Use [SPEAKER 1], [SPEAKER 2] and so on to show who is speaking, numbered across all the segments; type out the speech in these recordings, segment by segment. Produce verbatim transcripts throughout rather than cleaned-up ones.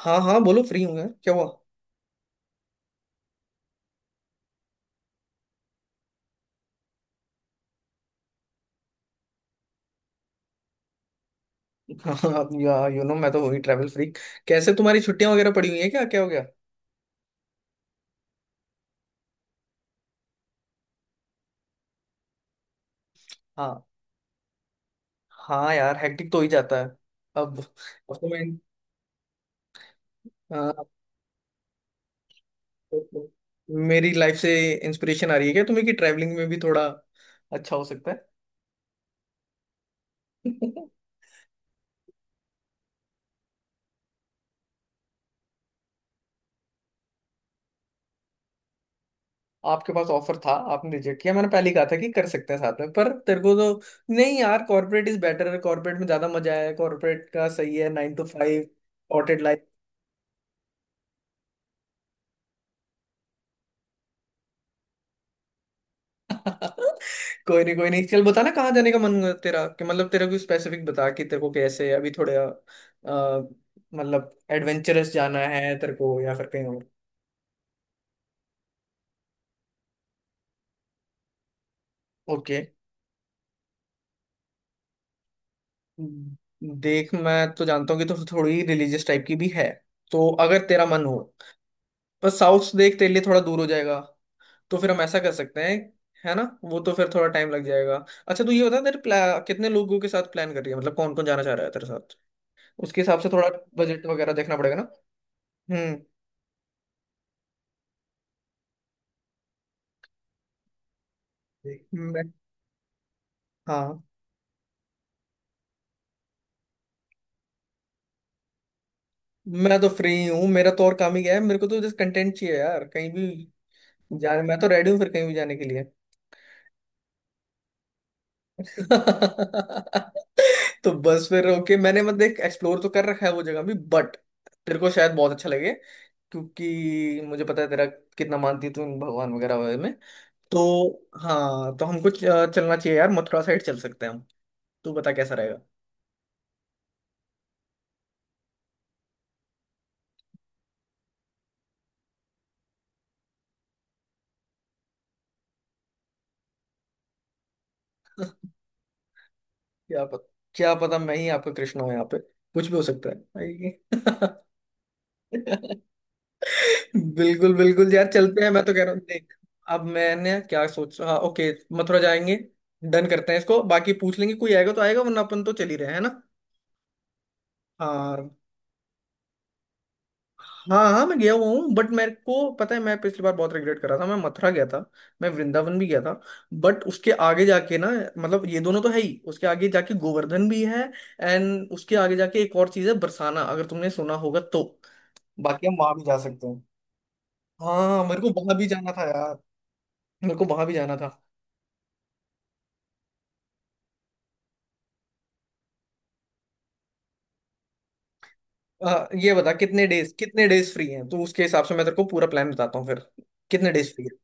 [SPEAKER 1] हाँ हाँ, बोलो। फ्री हूँ यार, क्या हुआ? हाँ हाँ यार, यू नो मैं तो हुई ट्रैवल फ्रीक। कैसे, तुम्हारी छुट्टियां वगैरह पड़ी हुई है क्या? क्या हो गया? हाँ हाँ यार, हेक्टिक तो हो ही जाता है। अब अब तो मैं। हाँ, अब तो तो मेरी लाइफ से इंस्पिरेशन आ रही है क्या तुम्हें कि ट्रैवलिंग में भी थोड़ा अच्छा हो सकता है? आपके पास ऑफर था, आपने रिजेक्ट किया। मैंने पहले ही कहा था कि कर सकते हैं साथ में, पर तेरे को तो। नहीं यार, कॉर्पोरेट इज बेटर है। कॉर्पोरेट में ज्यादा मजा है, कॉर्पोरेट का सही है, नाइन टू फाइव। कोई नहीं कोई नहीं, चल बताना कहाँ जाने का मन है तेरा, कि मतलब तेरा कोई स्पेसिफिक बता कि तेरे को कैसे अभी थोड़ा अ, मतलब एडवेंचरस जाना है तेरे को या फिर कहीं और? ओके। देख मैं तो जानता हूँ कि तो थोड़ी रिलीजियस टाइप की भी है, तो अगर तेरा मन हो। पर साउथ देख तेरे लिए थोड़ा दूर हो जाएगा। तो फिर हम ऐसा कर सकते हैं, है ना। वो तो फिर थोड़ा टाइम लग जाएगा। अच्छा तू ये बता, तेरे प्ला- कितने लोगों के साथ प्लान कर रही है? मतलब कौन कौन जाना चाह रहा है तेरे साथ? उसके हिसाब से थोड़ा बजट वगैरह देखना पड़ेगा ना। हम्म मैं। हाँ। मैं तो फ्री हूँ, मेरा तो और काम ही गया है। मेरे को तो जस्ट कंटेंट चाहिए यार, कहीं भी जाने। मैं तो रेडी हूँ फिर कहीं भी जाने के लिए। तो बस फिर ओके। मैंने मतलब एक एक्सप्लोर तो कर रखा है वो जगह भी, बट तेरे को शायद बहुत अच्छा लगे क्योंकि मुझे पता है तेरा, कितना मानती है तू इन भगवान वगैरह वगैरह में। तो हाँ तो हमको च- चलना चाहिए यार, मथुरा साइड चल सकते हैं हम। तू बता कैसा रहेगा। क्या पता, क्या पता मैं ही आपका कृष्ण हूँ यहाँ पे। कुछ भी हो सकता है। बिल्कुल बिल्कुल यार, चलते हैं। मैं तो कह रहा हूँ देख, अब मैंने क्या सोच। हाँ ओके, मथुरा जाएंगे। डन करते हैं इसको, बाकी पूछ लेंगे। कोई आएगा तो आएगा वरना अपन तो चल ही रहे हैं, है ना। हाँ हाँ, हाँ मैं गया हुआ हूँ। बट मेरे को पता है, मैं पिछली बार बहुत रिग्रेट कर रहा था। मैं मथुरा गया था, मैं वृंदावन भी गया था। बट उसके आगे जाके ना, मतलब ये दोनों तो है ही, उसके आगे जाके गोवर्धन भी है। एंड उसके आगे जाके एक और चीज है बरसाना, अगर तुमने सुना होगा तो। बाकी हम वहां भी जा सकते हैं। हाँ मेरे को वहां भी जाना था यार। मेरे को वहां भी जाना था। आ, ये बता कितने डेज, कितने डेज फ्री हैं, तो उसके हिसाब से मैं तेरे को पूरा प्लान बताता हूँ फिर। कितने डेज फ्री है?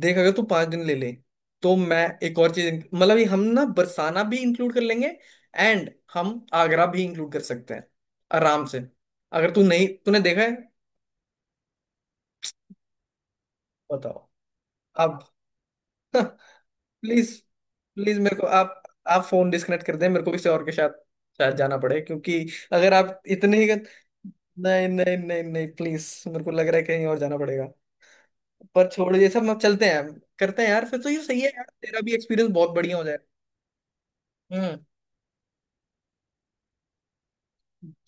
[SPEAKER 1] देख अगर तू पांच दिन ले ले, तो मैं एक और चीज मतलब ये, हम ना बरसाना भी इंक्लूड कर लेंगे एंड हम आगरा भी इंक्लूड कर सकते हैं आराम से। अगर तू नहीं, तूने देखा है? बताओ। अब प्लीज, प्लीज मेरे को आप आप फोन डिस्कनेक्ट कर दें। मेरे को किसी और के साथ शायद जाना पड़े क्योंकि अगर आप इतने ही। नहीं नहीं नहीं नहीं, नहीं प्लीज, मेरे को लग रहा है कहीं और जाना पड़ेगा। पर छोड़ ये सब, हम चलते हैं। करते हैं यार फिर, तो ये सही है यार, तेरा भी एक्सपीरियंस बहुत बढ़िया हो जाए। हम्म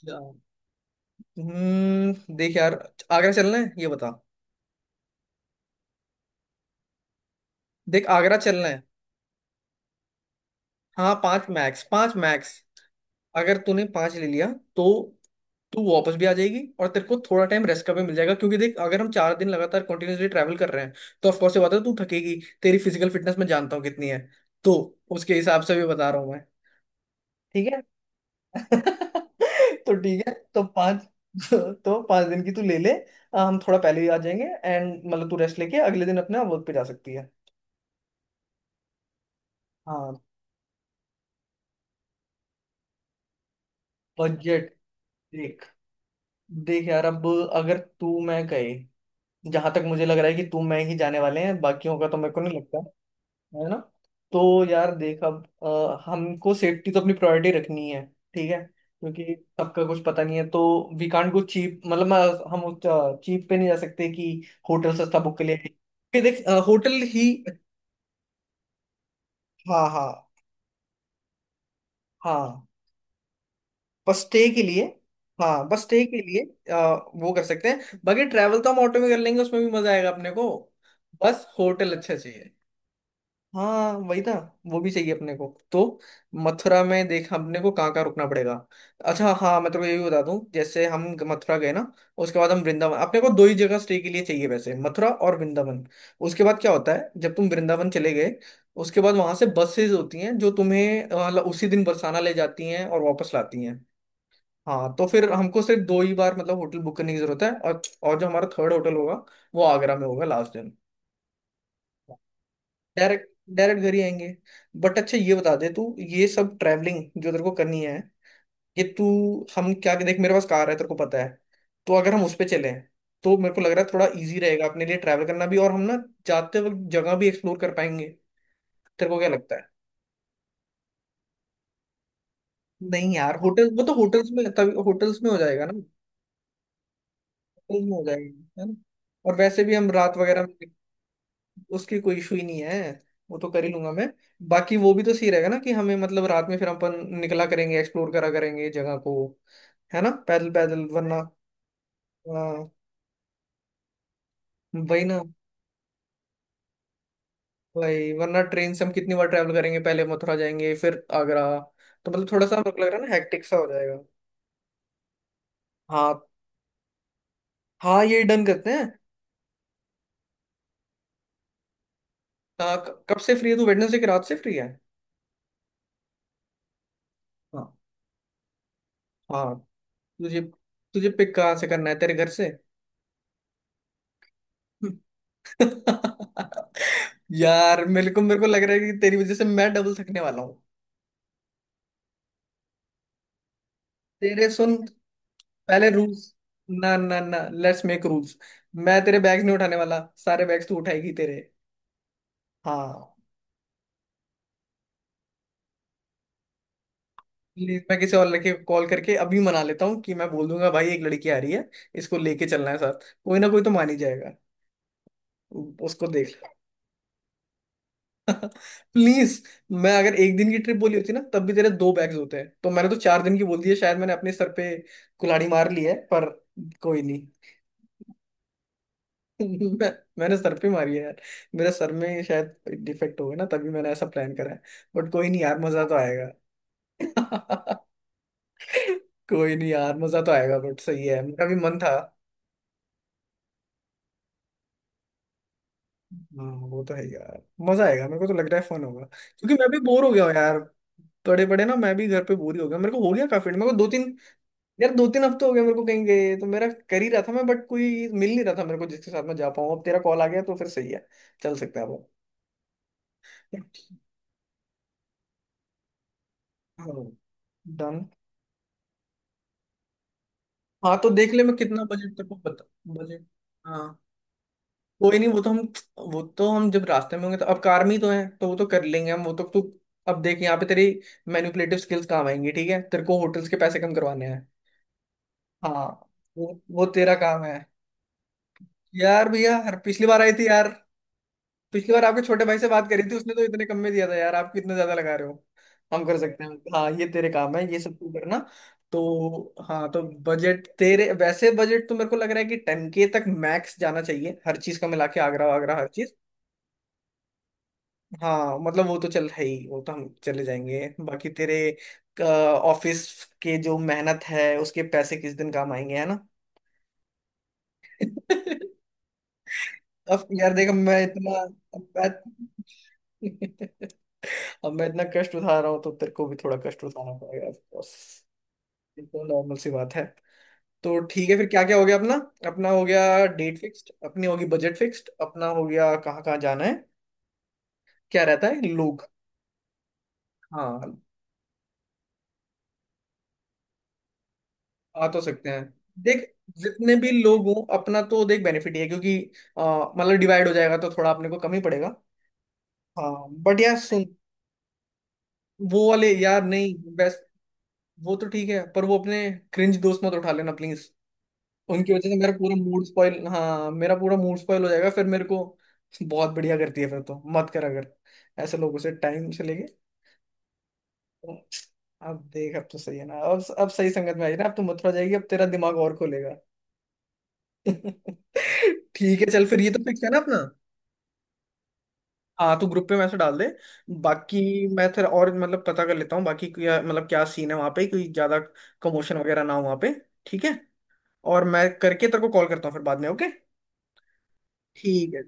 [SPEAKER 1] जा- हम्म देख यार, आगरा चलना है ये बता। देख आगरा चलना है। हाँ पांच मैक्स, पांच मैक्स। अगर तूने पांच ले लिया तो तू वापस भी आ जाएगी और तेरे को थोड़ा टाइम रेस्ट का भी मिल जाएगा। क्योंकि देख अगर हम चार दिन लगातार कंटिन्यूसली ट्रैवल कर रहे हैं तो ऑफकोर्स ये बात है, तू थकेगी। तेरी फिजिकल फिटनेस मैं जानता हूँ कितनी है, तो उसके हिसाब से भी बता रहा हूँ मैं। ठीक है। तो ठीक है, तो पाँच। तो पाँच दिन की तू ले ले। आ, हम थोड़ा पहले ही आ जाएंगे एंड मतलब तू रेस्ट लेके अगले दिन अपने वर्क पे जा सकती है। हाँ। बजट देख, देख यार अब, अगर तू मैं गए, जहां तक मुझे लग रहा है कि तू मैं ही जाने वाले हैं, बाकियों का तो मेरे को नहीं, है ना। तो यार देख अब अ, हमको सेफ्टी तो अपनी प्रायोरिटी रखनी है। ठीक है, क्योंकि सबका कुछ पता नहीं है तो वी कांट गो चीप। मतलब मैं- हम चीप पे नहीं जा सकते कि होटल सस्ता बुक के लिए। फिर देख होटल ही, हाँ हाँ, हाँ बस स्टे के लिए। हाँ बस स्टे के लिए। अ, वो कर सकते हैं बाकी, ट्रैवल तो हम ऑटो में कर लेंगे, उसमें भी मजा आएगा अपने को। बस होटल अच्छा चाहिए। हाँ वही ना। वो भी चाहिए अपने को तो। मथुरा में देख अपने को कहाँ कहाँ रुकना पड़ेगा। अच्छा, हाँ मैं तेरे को ये भी बता दूं, जैसे हम मथुरा गए ना, उसके बाद हम वृंदावन, अपने को दो ही जगह स्टे के लिए चाहिए वैसे, मथुरा और वृंदावन। उसके बाद क्या होता है जब तुम वृंदावन चले गए, उसके बाद वहां से बसेज होती हैं जो तुम्हें अ, मतलब उसी दिन बरसाना ले जाती हैं और वापस लाती हैं। हाँ तो फिर हमको सिर्फ दो ही बार मतलब होटल बुक करने की जरूरत है। और और जो हमारा थर्ड होटल होगा वो आगरा में होगा, लास्ट दिन। डायरेक्ट, डायरेक्ट घर ही आएंगे। बट अच्छा ये बता दे, तू ये सब ट्रैवलिंग जो तेरे को करनी है ये तू, हम क्या, देख मेरे पास कार है तेरे को पता है। तो अगर हम उस पे चले तो मेरे को लग रहा है थोड़ा इजी रहेगा अपने लिए ट्रैवल करना भी, और हम ना जाते वक्त जगह भी एक्सप्लोर कर पाएंगे। तेरे को क्या लगता है? नहीं यार होटल, वो तो होटल्स में तभी होटल्स में हो जाएगा ना। होटल्स में हो जाएगा, है ना। और वैसे भी हम रात वगैरह में, उसकी कोई इशू ही नहीं है, वो तो कर ही लूंगा मैं। बाकी वो भी तो सही रहेगा ना, कि हमें मतलब रात में फिर अपन निकला करेंगे, एक्सप्लोर करा करेंगे जगह को। है ना, पैदल पैदल वरना। हाँ, वही ना। भाई वरना ट्रेन से हम कितनी बार ट्रैवल करेंगे, पहले मथुरा जाएंगे फिर आगरा। तो मतलब थोड़ा सा मेरे को लग रहा है ना हेक्टिक सा हो जाएगा। हाँ। हाँ ये डन करते हैं। आ, क- कब से फ्री है तू? वेडनेसडे की रात से फ्री है? हाँ। हाँ, तुझे, तुझे पिक कहाँ से करना है, तेरे घर से? यार मेरे को, मेरे को लग रहा है कि तेरी वजह से मैं डबल थकने वाला हूँ। तेरे सुन, पहले रूल्स, ना ना ना, लेट्स मेक रूल्स। मैं तेरे बैग्स नहीं उठाने वाला, सारे बैग्स तू उठाएगी तेरे। हाँ। प्लीज मैं किसी और लड़के को कॉल करके अभी मना लेता हूँ, कि मैं बोल दूंगा भाई एक लड़की आ रही है इसको लेके चलना है साथ, कोई ना कोई तो मान ही जाएगा। उ- उसको देख ले। प्लीज, मैं अगर एक दिन की ट्रिप बोली होती ना तब भी तेरे दो बैग्स होते हैं, तो मैंने तो चार दिन की बोल दी है, शायद मैंने अपने सर पे कुल्हाड़ी मार ली है पर। कोई नहीं। मैं, मैंने सर पे मारी है यार। मेरे सर में शायद डिफेक्ट हो गया ना, तभी मैंने ऐसा प्लान करा है। बट कोई नहीं यार, मजा तो आएगा। कोई नहीं यार, मजा तो आएगा। बट सही है, मेरा भी मन था। हाँ वो तो है यार, मजा आएगा। मेरे को तो लग रहा है फन होगा क्योंकि मैं भी बोर हो गया हूँ यार। बड़े बड़े ना मैं भी घर पे बोर ही हो गया, मेरे को हो गया काफी। मेरे को दो तीन, यार दो तीन हफ्ते हो गए मेरे को कहीं गए, तो मेरा कर ही रहा था मैं, बट कोई मिल नहीं रहा था मेरे को जिसके साथ मैं जा पाऊँ। अब तेरा कॉल आ गया तो फिर सही है, चल सकते हैं अब। डन। हाँ तो देख ले मैं कितना बजट तेरे को बता। बजट, हाँ कोई नहीं वो तो हम, वो तो हम जब रास्ते में होंगे तो अब कार में ही तो है, तो वो तो कर लेंगे हम वो तो तू। अब देख यहाँ पे तेरी मैनिपुलेटिव स्किल्स काम आएंगी, ठीक है। तेरे को होटल्स के पैसे कम करवाने हैं। हाँ वो वो तेरा काम है। यार भैया हर, पिछली बार आई थी यार। पिछली बार आपके छोटे भाई से बात करी थी, उसने तो इतने कम में दिया था यार, आप कितना ज्यादा लगा रहे हो। हम कर सकते हैं। हाँ, ये तेरे काम है, ये सब तू करना। तो हाँ तो बजट तेरे, वैसे बजट तो मेरे को लग रहा है कि टेन के तक मैक्स जाना चाहिए, हर चीज का मिला के, आगरा वागरा हर चीज। हाँ मतलब वो तो चल है ही, वो तो हम चले जाएंगे। बाकी तेरे ऑफिस के जो मेहनत है, उसके पैसे किस दिन काम आएंगे, है ना। अब यार देखो मैं इतना, मैं। अब मैं इतना कष्ट उठा रहा हूँ तो तेरे को भी थोड़ा कष्ट उठाना पड़ेगा ऑफ कोर्स। ये तो नॉर्मल सी बात है। तो ठीक है फिर, क्या क्या हो गया अपना। अपना हो गया डेट फिक्स्ड, अपनी होगी बजट फिक्स्ड, अपना हो गया कहाँ कहाँ जाना है, क्या रहता है लोग। हाँ। आ तो सकते हैं। देख जितने भी लोग हों अपना तो देख बेनिफिट ही है क्योंकि आ, मतलब डिवाइड हो जाएगा तो थोड़ा अपने को कम ही पड़ेगा। हाँ। बट यार सुन, वो वाले यार नहीं, बेस्ट। वो तो ठीक है, पर वो अपने क्रिंज दोस्त मत उठा लेना प्लीज। उनकी वजह से मेरा पूरा मूड स्पॉइल, हाँ मेरा पूरा मूड स्पॉइल हो जाएगा फिर मेरे को। बहुत बढ़िया, करती है फिर तो मत करा कर, अगर ऐसे लोगों से टाइम से लेके। तो अब देख, अब तो सही है ना, अब अब सही संगत में आई ना, अब तो मथुरा जाएगी, अब तेरा दिमाग और खुलेगा। ठीक है, चल फिर ये तो फिक्स है ना अपना। हाँ तो ग्रुप पे मैसेज डाल दे। बाकी मैं फिर और मतलब पता कर लेता हूँ, बाकी क्या मतलब क्या सीन है वहाँ पे, कोई ज्यादा कमोशन वगैरह ना हो वहाँ पे। ठीक है। और मैं करके तेरे को कॉल करता हूँ फिर बाद में, ओके। ठीक है।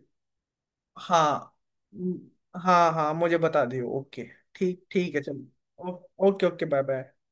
[SPEAKER 1] हाँ म- हाँ हाँ मुझे बता दियो, ओके। ठीक, ठीक है चलो। ओ- ओके ओके, बाय बाय।